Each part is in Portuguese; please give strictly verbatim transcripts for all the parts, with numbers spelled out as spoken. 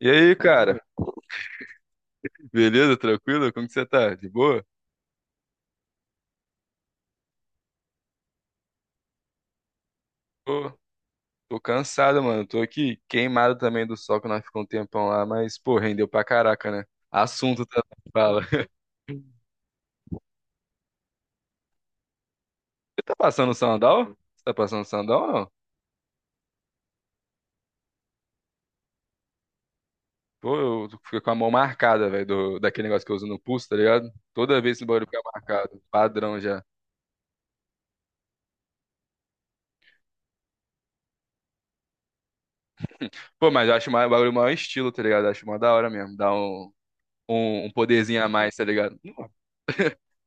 E aí, cara? Beleza? Tranquilo? Como que você tá? De boa? Pô, tô cansado, mano. Tô aqui queimado também do sol que nós ficamos um tempão lá, mas, pô, rendeu pra caraca, né? Assunto também, fala. Você tá passando sandal? Você tá passando sandal ou não? Pô, eu fico com a mão marcada, velho, do- daquele negócio que eu uso no pulso, tá ligado? Toda vez esse bagulho fica marcado. Padrão já. Pô, mas eu acho o bagulho o maior estilo, tá ligado? Eu acho mó da hora mesmo. Dá um, um, um poderzinho a mais, tá ligado?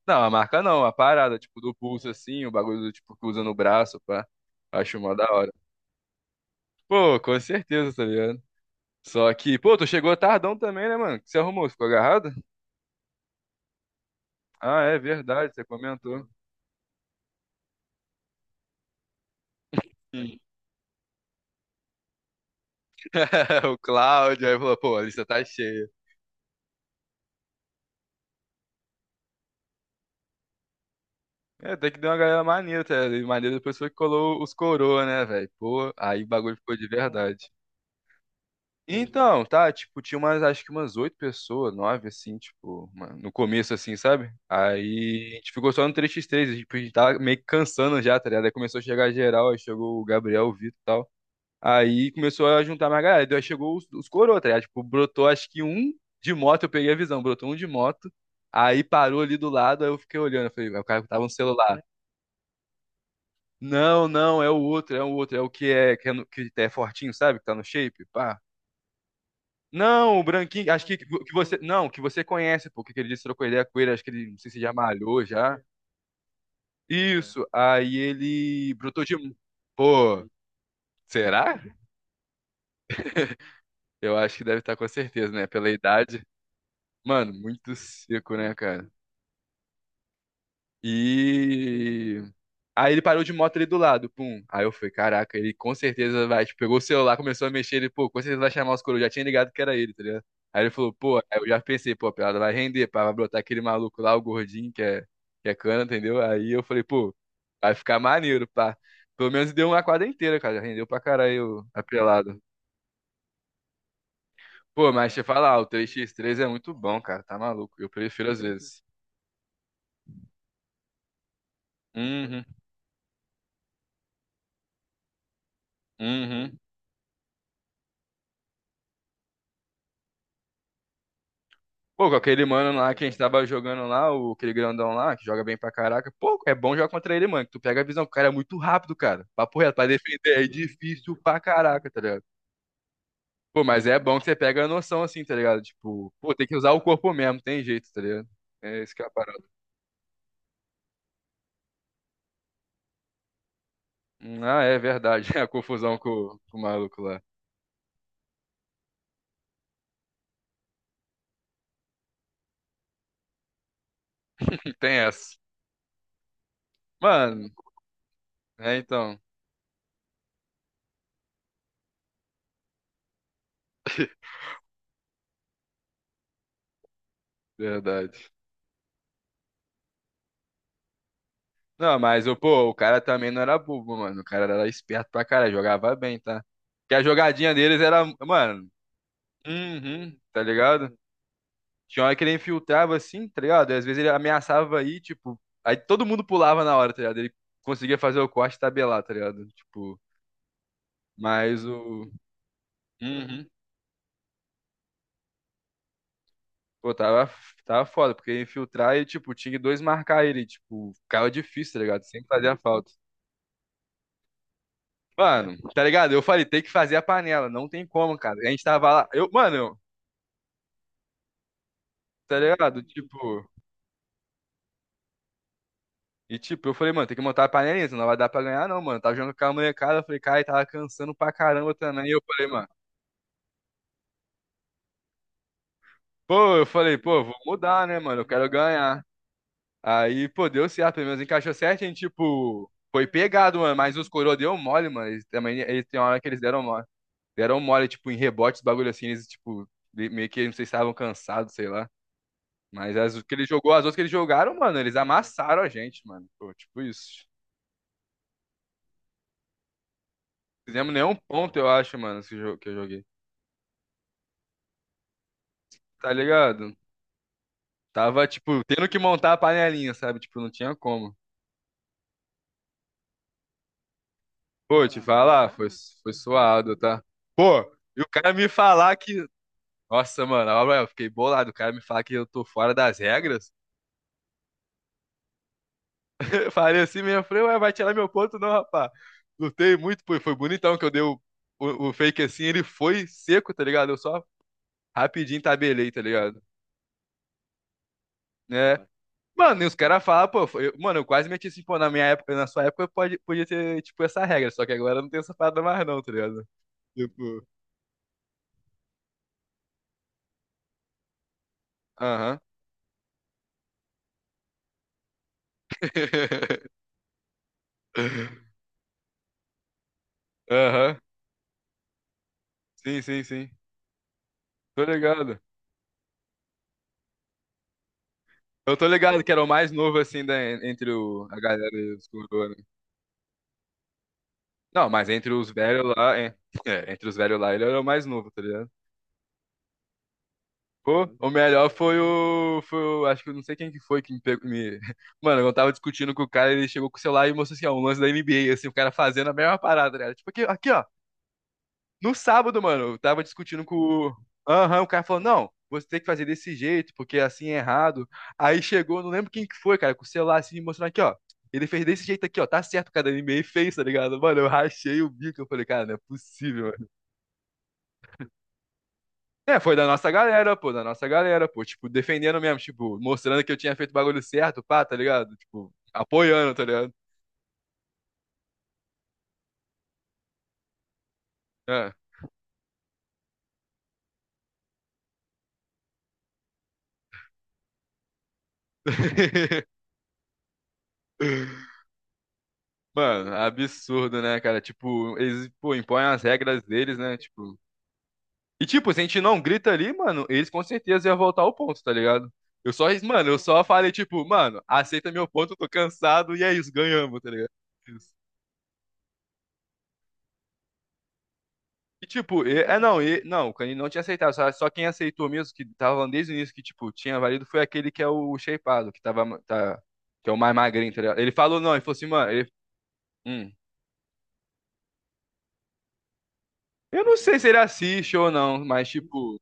Não, a marca não, a parada, tipo, do pulso assim, o bagulho, tipo, que usa no braço, pá. Acho mó da hora. Pô, com certeza, tá ligado? Só que, pô, tu chegou tardão também, né, mano? O que você arrumou, ficou agarrado? Ah, é verdade, você comentou. Sim. O Cláudio aí falou, pô, a lista tá cheia. É, tem que dar uma galera maneira, tá ligado? E maneira depois foi que colou os coroa, né, velho? Pô, aí o bagulho ficou de verdade. Então, tá, tipo, tinha umas, acho que umas oito pessoas, nove, assim, tipo, uma- no começo, assim, sabe? Aí a gente ficou só no três contra três, a gente tipo, a gente tava meio que cansando já, tá ligado? Aí começou a chegar geral, aí chegou o Gabriel, o Vitor e tal. Aí começou a juntar mais galera, daí chegou os, os coroa, tá ligado? Tipo, brotou acho que um de moto, eu peguei a visão, brotou um de moto, aí parou ali do lado, aí eu fiquei olhando, eu falei, "Vai, o cara que tava no celular." Não, não, é o outro, é o outro, é o que é, que é, no- que é fortinho, sabe? Que tá no shape, pá. Não, o branquinho, acho que, que você. Não, que você conhece, pô, que ele disse, trocou ideia com ele, acho que ele, não sei se já malhou já. É. Isso, aí ele brotou de. Pô, será? Eu acho que deve estar com certeza, né? Pela idade. Mano, muito seco, né, cara? E. Aí ele parou de moto ali do lado, pum. Aí eu falei, caraca, ele com certeza vai, tipo, pegou o celular, começou a mexer, ele, pô, com certeza vai chamar os coroas, já tinha ligado que era ele, tá ligado? Aí ele falou, pô, aí eu já pensei, pô, a piada vai render, pá, vai brotar aquele maluco lá, o gordinho, que é, que é cana, entendeu? Aí eu falei, pô, vai ficar maneiro, pá. Pelo menos deu uma quadra inteira, cara, rendeu pra caralho a pelada. Pô, mas deixa eu falar, o três x três é muito bom, cara, tá maluco, eu prefiro às vezes. Uhum, uhum. Pô, com aquele mano lá que a gente tava jogando lá, o, aquele grandão lá, que joga bem pra caraca. Pô, é bom jogar contra ele, mano. Que Tu pega a visão, o cara é muito rápido, cara. Papo reto, pra defender é difícil pra caraca, tá ligado? Pô, mas é bom que você pega a noção assim, tá ligado? Tipo, pô, tem que usar o corpo mesmo, tem jeito, tá ligado? É isso que é a parada. Hum, Ah, é verdade. A confusão com, o- com o maluco lá. Tem essa. Mano, é então. Verdade. Não, mas o pô, o cara também não era bobo, mano. O cara era esperto pra caralho, jogava bem, tá? Porque a jogadinha deles era, mano, uhum, tá ligado? Tinha hora que ele infiltrava assim, tá ligado? E às vezes ele ameaçava aí, tipo, aí todo mundo pulava na hora, tá ligado? Ele conseguia fazer o corte e tabelar, tá ligado? Tipo, mas o uhum. Pô, tava, tava foda, porque infiltrar e, tipo, tinha que dois marcar ele, tipo, ficava difícil, tá ligado? Sempre fazia falta. Mano, tá ligado? Eu falei, tem que fazer a panela, não tem como, cara. A gente tava lá, eu, mano, eu- tá ligado? Tipo, e tipo, eu falei, mano, tem que montar a panelinha, senão não vai dar pra ganhar, não, mano. Tava jogando com a molecada, eu falei, cara, e tava cansando pra caramba também. E eu falei, mano, pô, eu falei, pô, vou mudar, né, mano? Eu quero ganhar. Aí, pô, deu certo, pelo menos encaixou certo, a gente, tipo, foi pegado, mano, mas os coroa deu mole, mano. Eles também, eles tem uma hora que eles deram mole. Deram mole, tipo, em rebotes, bagulho assim, eles, tipo, meio que, não sei se estavam cansados, sei lá. Mas as que ele jogou, as outras que eles jogaram, mano, eles amassaram a gente, mano. Pô, tipo isso. Fizemos nenhum ponto, eu acho, mano, que jo- que eu joguei. Tá ligado? Tava, tipo, tendo que montar a panelinha, sabe? Tipo, não tinha como. Pô, te falar, foi, foi suado, tá? Pô, e o cara me falar que. Nossa, mano, olha, eu fiquei bolado. O cara me falar que eu tô fora das regras. Eu falei assim mesmo, eu falei, ué, vai tirar meu ponto, não, rapá. Lutei muito, pô, e foi bonitão que eu dei o, o, o fake assim, ele foi seco, tá ligado? Eu só rapidinho tabelei, tá ligado? Né? Mano, e os caras falam, pô, foi- eu- mano, eu quase meti assim, pô, na minha época, na sua época, pode, podia ter, tipo, essa regra, só que agora não tem essa parada mais não, tá ligado? Tipo, aham. Aham. Sim, sim, sim. Tô ligado. Eu tô ligado que era o mais novo, assim, da, entre o, a galera dos coroa, né? Não, mas entre os velhos lá, é, é, entre os velhos lá, ele era o mais novo, tá ligado? O, o melhor foi o, foi o. Acho que eu não sei quem que foi que me pegou. Me... Mano, eu tava discutindo com o cara, ele chegou com o celular e mostrou assim, ó, um lance da N B A, assim, o cara fazendo a mesma parada, né? Tipo, aqui, aqui, ó. No sábado, mano, eu tava discutindo com o. Aham, o cara falou, não, você tem que fazer desse jeito, porque assim é errado. Aí chegou, não lembro quem que foi, cara, com o celular assim, mostrando aqui, ó. Ele fez desse jeito aqui, ó. Tá certo, o cara, da N B A fez, tá ligado? Mano, eu rachei o bico, eu falei, cara, não é possível. É, foi da nossa galera, pô, da nossa galera, pô, tipo, defendendo mesmo, tipo, mostrando que eu tinha feito o bagulho certo, pá, tá ligado? Tipo, apoiando, tá ligado? É. Mano, absurdo, né, cara? Tipo, eles, pô, impõem as regras deles, né? Tipo. E, tipo, se a gente não grita ali, mano, eles com certeza iam voltar ao ponto, tá ligado? Eu só, mano, eu só falei, tipo, mano, aceita meu ponto, eu tô cansado, e é isso, ganhamos, tá ligado? E, tipo, e- é não, e, não, o Canino não tinha aceitado, só, só quem aceitou mesmo, que tava falando desde o início que, tipo, tinha valido, foi aquele que é o shapeado, que tava, ma- tá, que é o mais magrinho, tá ligado? Ele falou, não, ele falou assim, mano, ele, hum, eu não sei se ele assiste ou não, mas, tipo,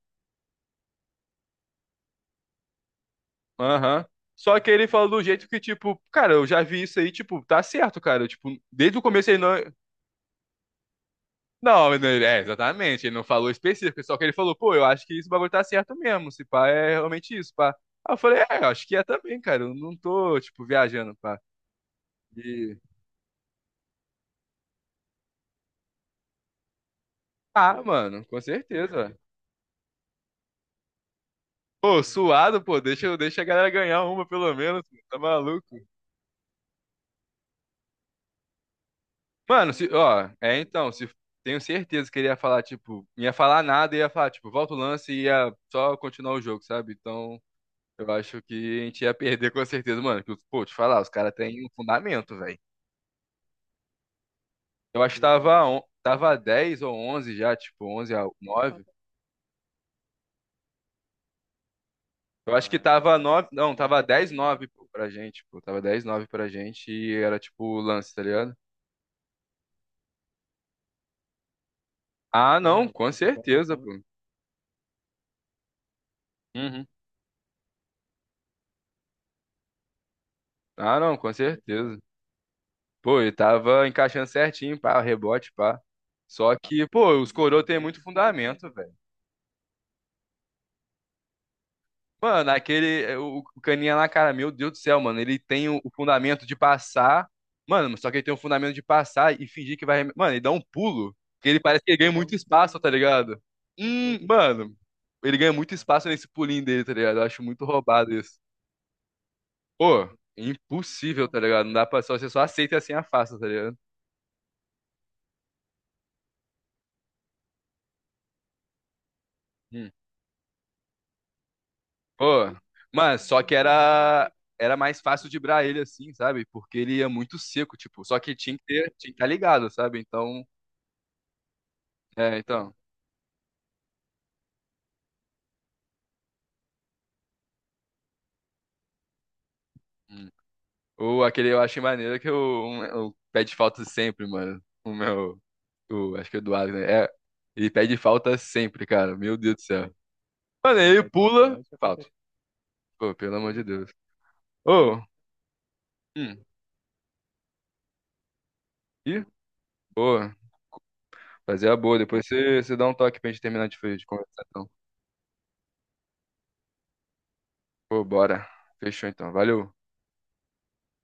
aham. Só que ele falou do jeito que, tipo, cara, eu já vi isso aí, tipo, tá certo, cara, tipo, desde o começo ele não. Não, ele- é, exatamente. Ele não falou específico, só que ele falou, pô, eu acho que isso bagulho tá certo mesmo. Se pá, é realmente isso, pá. Aí eu falei, é, eu acho que é também, cara. Eu não tô, tipo, viajando, pá. E... Ah, mano, com certeza. Pô, suado, pô, deixa, eu- deixa a galera ganhar uma, pelo menos. Pô, tá maluco? Mano, se, ó, é então, se tenho certeza que ele ia falar, tipo, não ia falar nada, ia falar, tipo, volta o lance e ia só continuar o jogo, sabe? Então, eu acho que a gente ia perder com certeza, mano. Que, pô, te falar, os caras têm um fundamento, velho. Eu acho que tava, on- tava dez ou onze já, tipo, onze a nove. Eu acho que tava nove, não, tava dez nove pô, pra gente, pô, tava dez a nove pra gente e era tipo o lance, tá ligado? Ah, não, com certeza, pô. Uhum. Ah, não, com certeza. Pô, ele tava encaixando certinho, pá, rebote, pá. Só que, pô, os coroas têm muito fundamento, velho. Mano, aquele. eh, O, o caninha lá, cara, meu Deus do céu, mano. Ele tem o, o fundamento de passar. Mano, só que ele tem o fundamento de passar e fingir que vai. Mano, ele dá um pulo. Que ele parece que ele ganha muito espaço, tá ligado? Hum, mano. Ele ganha muito espaço nesse pulinho dele, tá ligado? Eu acho muito roubado isso. Pô, impossível, tá ligado? Não dá pra. Só, você só aceita e assim afasta, tá ligado? Hum. Pô, mano, só que era. Era mais fácil driblar ele assim, sabe? Porque ele ia muito seco, tipo. Só que tinha que ter, tinha que estar ligado, sabe? Então. É, então. Hum. O, aquele eu achei maneiro que o, um- o pede falta sempre, mano. O meu. O, acho que é o Eduardo, né? É, ele pede falta sempre, cara. Meu Deus do céu. Mano, aí ele pula. Falta. Pô, pelo amor de Deus. Ô. Hum. Ih, boa. Fazer a boa. Depois você você dá um toque pra gente terminar de, de conversar, então. Pô, bora. Fechou então. Valeu.